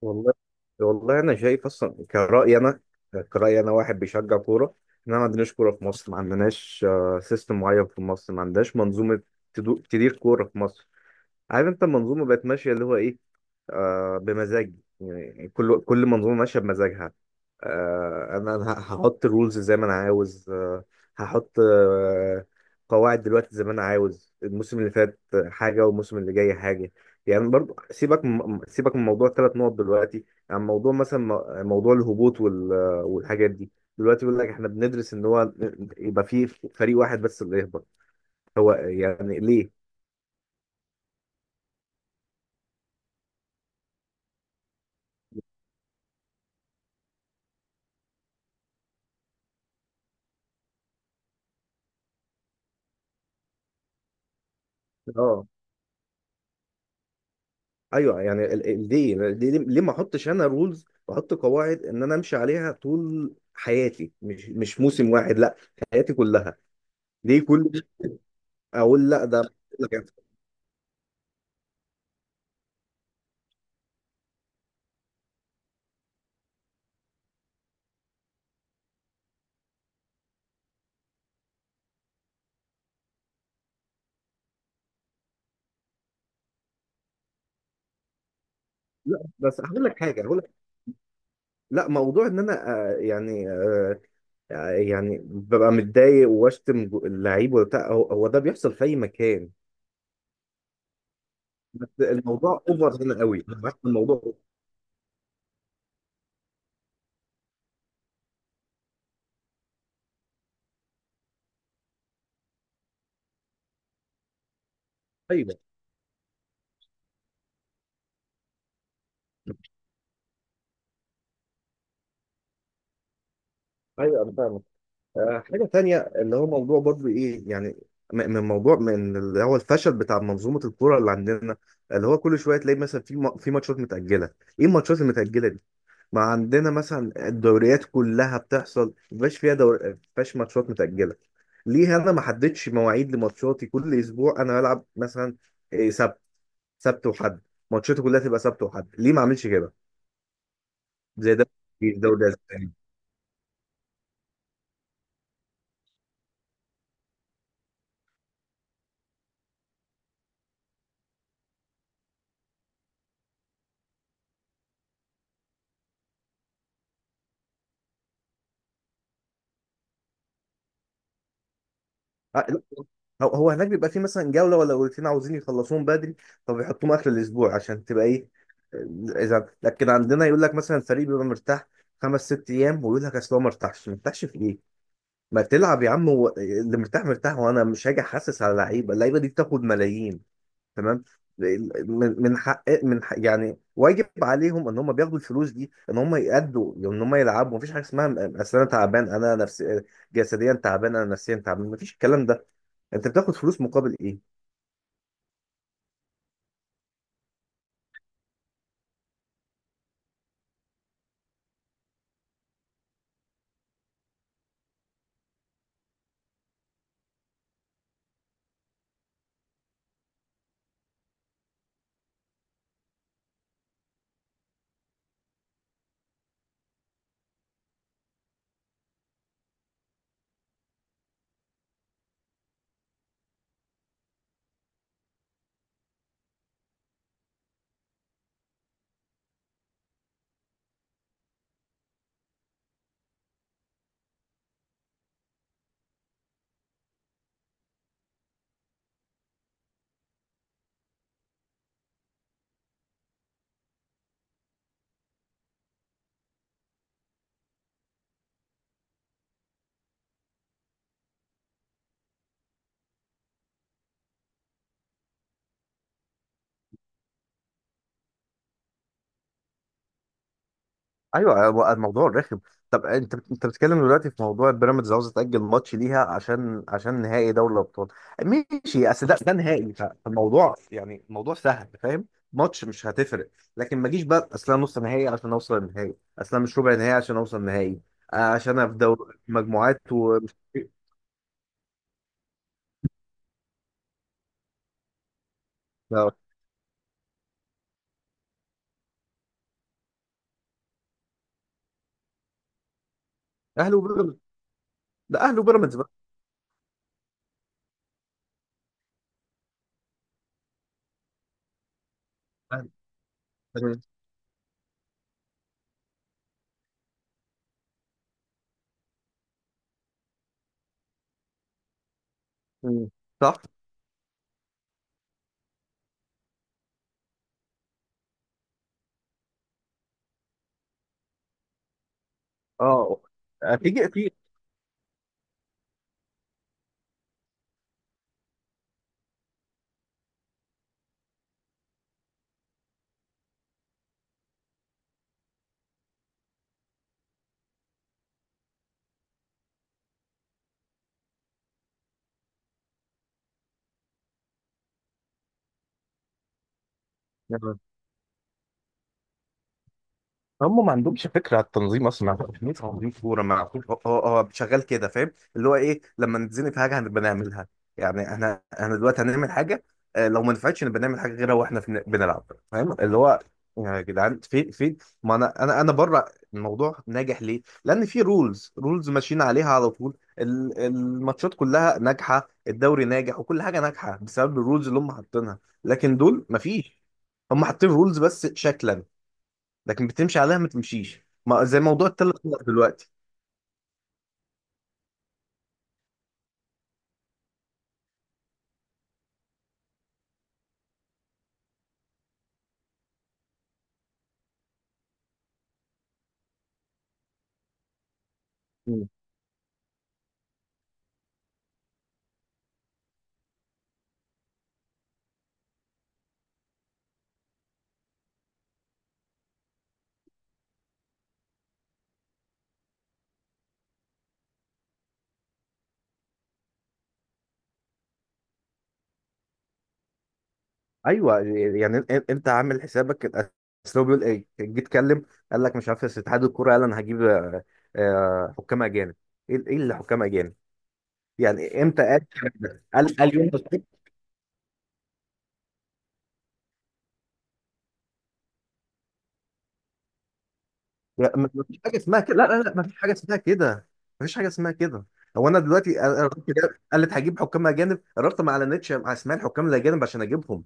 والله والله انا شايف اصلا كرأيي انا واحد بيشجع كوره. ان انا ما عندناش كوره في مصر، ما عندناش سيستم معين في مصر، ما عندناش منظومه تدير كوره في مصر. عارف انت المنظومه بقت ماشيه اللي هو ايه؟ بمزاج. يعني كل منظومه ماشيه بمزاجها. أنا هحط رولز زي ما انا عاوز. هحط قواعد دلوقتي زي ما انا عاوز. الموسم اللي فات حاجه والموسم اللي جاي حاجه. يعني برضو سيبك من موضوع الثلاث نقط دلوقتي. عن موضوع مثلا موضوع الهبوط والحاجات دي. دلوقتي بيقول لك احنا بندرس ان هو يبقى في فريق واحد بس اللي يهبط. هو يعني ليه؟ اه. ايوه يعني ليه ليه ليه ما احطش انا رولز واحط قواعد ان انا امشي عليها طول حياتي. مش موسم واحد، لا. حياتي كلها. ليه كل اقول لا ده. لا بس هقول لك حاجه. هقول لك لا، موضوع ان انا. آه، يعني آه، يعني ببقى متضايق واشتم اللعيب وبتاع. هو ده بيحصل في اي مكان. بس الموضوع اوفر هنا قوي. الموضوع أوفر. ايوه. ايوه انا فاهم. حاجة تانية اللي هو موضوع برضو إيه يعني. من موضوع من اللي هو الفشل بتاع منظومة الكورة اللي عندنا. اللي هو كل شوية تلاقي مثلا في في ماتشات متأجلة. إيه الماتشات المتأجلة دي؟ ما عندنا مثلا الدوريات كلها بتحصل مبقاش فيها دور، مبقاش ماتشات متأجلة. ليه أنا ما حددتش مواعيد لماتشاتي؟ كل أسبوع أنا بلعب مثلا إيه، سبت. سبت وحد. ماتشاتي كلها تبقى سبت وحد. ليه ما أعملش كده؟ زي ده في الدوري الأسباني. آه، لا. هو هناك بيبقى فيه مثلا جولة ولا جولتين عاوزين يخلصوهم بدري. فبيحطوهم آخر الأسبوع عشان تبقى إيه. آه، إذا لكن عندنا يقول لك مثلا فريق بيبقى مرتاح 5 6 أيام. ويقول لك أصل هو ما ارتاحش في إيه؟ ما تلعب يا عم. و... اللي مرتاح مرتاح وأنا مش هاجي أحسس على اللعيبة دي بتاخد ملايين. تمام. من من حق يعني واجب عليهم ان هم بياخدوا الفلوس دي، ان هم يأدوا، ان هم يلعبوا. مفيش حاجه اسمها اصل انا تعبان، انا نفسي جسديا تعبان، انا نفسيا تعبان. مفيش الكلام ده. انت بتاخد فلوس مقابل ايه؟ ايوه، هو الموضوع رخم. طب انت بتتكلم دلوقتي في موضوع بيراميدز عاوز تاجل ماتش ليها عشان نهائي دوري الابطال. ماشي. اصل ده نهائي. فالموضوع يعني الموضوع سهل فاهم. ماتش مش هتفرق. لكن ما جيش بقى اصل انا نص نهائي عشان اوصل النهائي، اصل انا مش ربع نهائي عشان اوصل نهائي. عشان انا في دوري مجموعات ومش. لا، اهلي وبيراميدز. ده اهلي وبيراميدز بقى. أهلي. تمام. مم. صح. اه. هتيجي اكيد. هم ما عندهمش فكره على التنظيم اصلا، ما عندهمش فكرة تنظيم كوره، ما عندهمش. هو شغال كده. فاهم اللي هو ايه؟ لما نتزنق في حاجه هنبقى نعملها. يعني احنا دلوقتي هنعمل حاجه. لو ما نفعتش نبقى نعمل حاجه غيرها واحنا بنلعب. فاهم اللي هو يا جدعان؟ فين فين؟ ما انا بره. الموضوع ناجح ليه؟ لان في رولز ماشيين عليها على طول. الماتشات كلها ناجحه، الدوري ناجح، وكل حاجه ناجحه بسبب الرولز اللي هم حاطينها. لكن دول مفيش. هم حاطين رولز بس شكلا، لكن بتمشي عليها ما تمشيش. ما زي موضوع الثلاث نقط دلوقتي. مم. ايوه يعني انت عامل حسابك ال-. اصل هو بيقول ايه جيت اتكلم؟ قال لك مش عارف، بس اتحاد الكوره قال انا هجيب حكام اجانب. ايه؟ اللي حكام اجانب؟ يعني امتى قال الكلام ده؟ قال يوم الخميس؟ لا، ما فيش حاجه اسمها كده. لا لا لا. ما فيش حاجه اسمها كده. ما فيش حاجه اسمها كده. هو انا دلوقتي، أنا رحت، قالت هجيب حكام اجانب، قررت ما اعلنتش مع اسماء الحكام الاجانب عشان اجيبهم.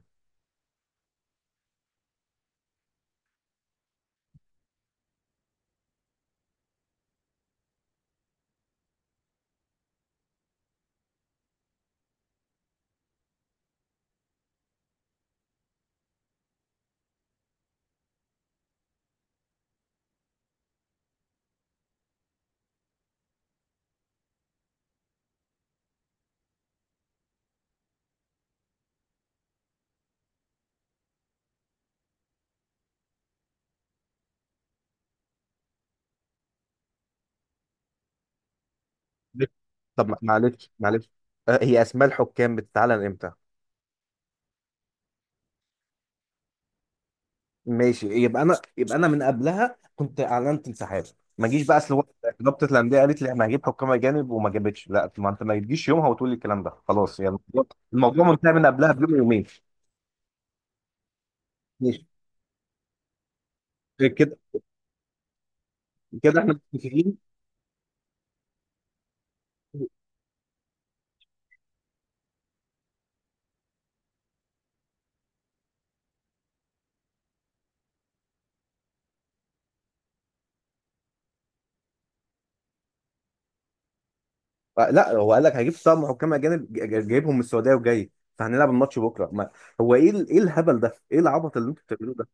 طب معلش معلش. هي اسماء الحكام بتتعلن امتى؟ ماشي. يبقى انا، من قبلها كنت اعلنت انسحاب. ما جيش بقى اصل هو رابطه الانديه قالت لي انا هجيب حكام اجانب وما جابتش. لا، ما انت ما تجيش يومها وتقول لي الكلام ده خلاص. يعني الموضوع، منتهي من قبلها بيوم يومين. ماشي كده، كده احنا متفقين. لا هو قال لك هجيب طقم حكام اجانب. جايبهم من السعوديه وجاي. فهنلعب الماتش بكره. ما هو ايه ايه الهبل ده؟ ايه العبط اللي انتوا بتعملوه ده؟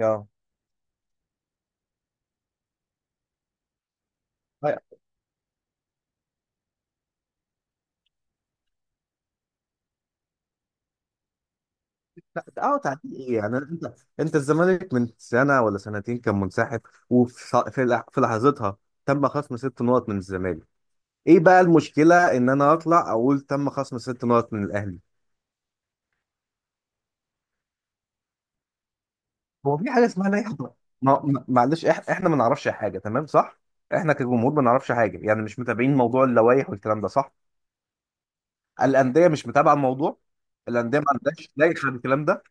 اه. لا. اه. تعديل ايه يعني انت؟ انت الزمالك من سنه ولا سنتين كان منسحب. وفي في في لحظتها تم خصم 6 نقط من الزمالك. ايه بقى المشكله ان انا اطلع اقول تم خصم 6 نقط من الاهلي؟ هو في حاجه اسمها لا يحضر. معلش احنا ما نعرفش حاجه، تمام، صح. احنا كجمهور ما نعرفش حاجه، يعني مش متابعين موضوع اللوائح والكلام ده، صح. الانديه مش متابعه الموضوع. الانديه ما عندهاش لائحه بالكلام ده.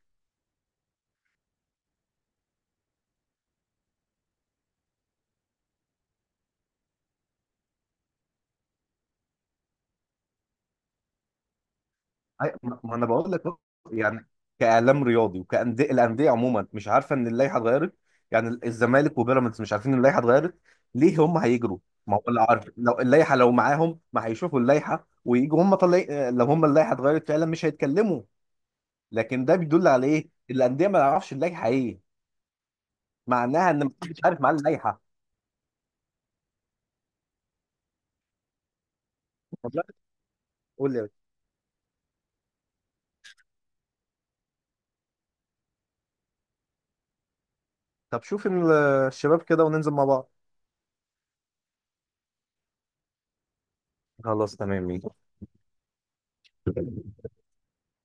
ما انا بقول لك أهو. يعني كاعلام رياضي وكانديه، الانديه عموما مش عارفه ان اللائحه اتغيرت. يعني الزمالك وبيراميدز مش عارفين ان اللائحه اتغيرت. ليه هم هيجروا؟ ما هو اللي عارف لو اللائحه لو معاهم ما هيشوفوا اللائحه ويجوا هم طلع. لو هم اللائحه اتغيرت فعلا مش هيتكلموا. لكن ده بيدل على ايه؟ الانديه ما تعرفش اللائحه ايه. معناها ان مش عارف معاه اللائحه. والله. قول لي يا باشا. طب شوف ال-. الشباب كده وننزل مع بعض. خلاص تمام ماشي.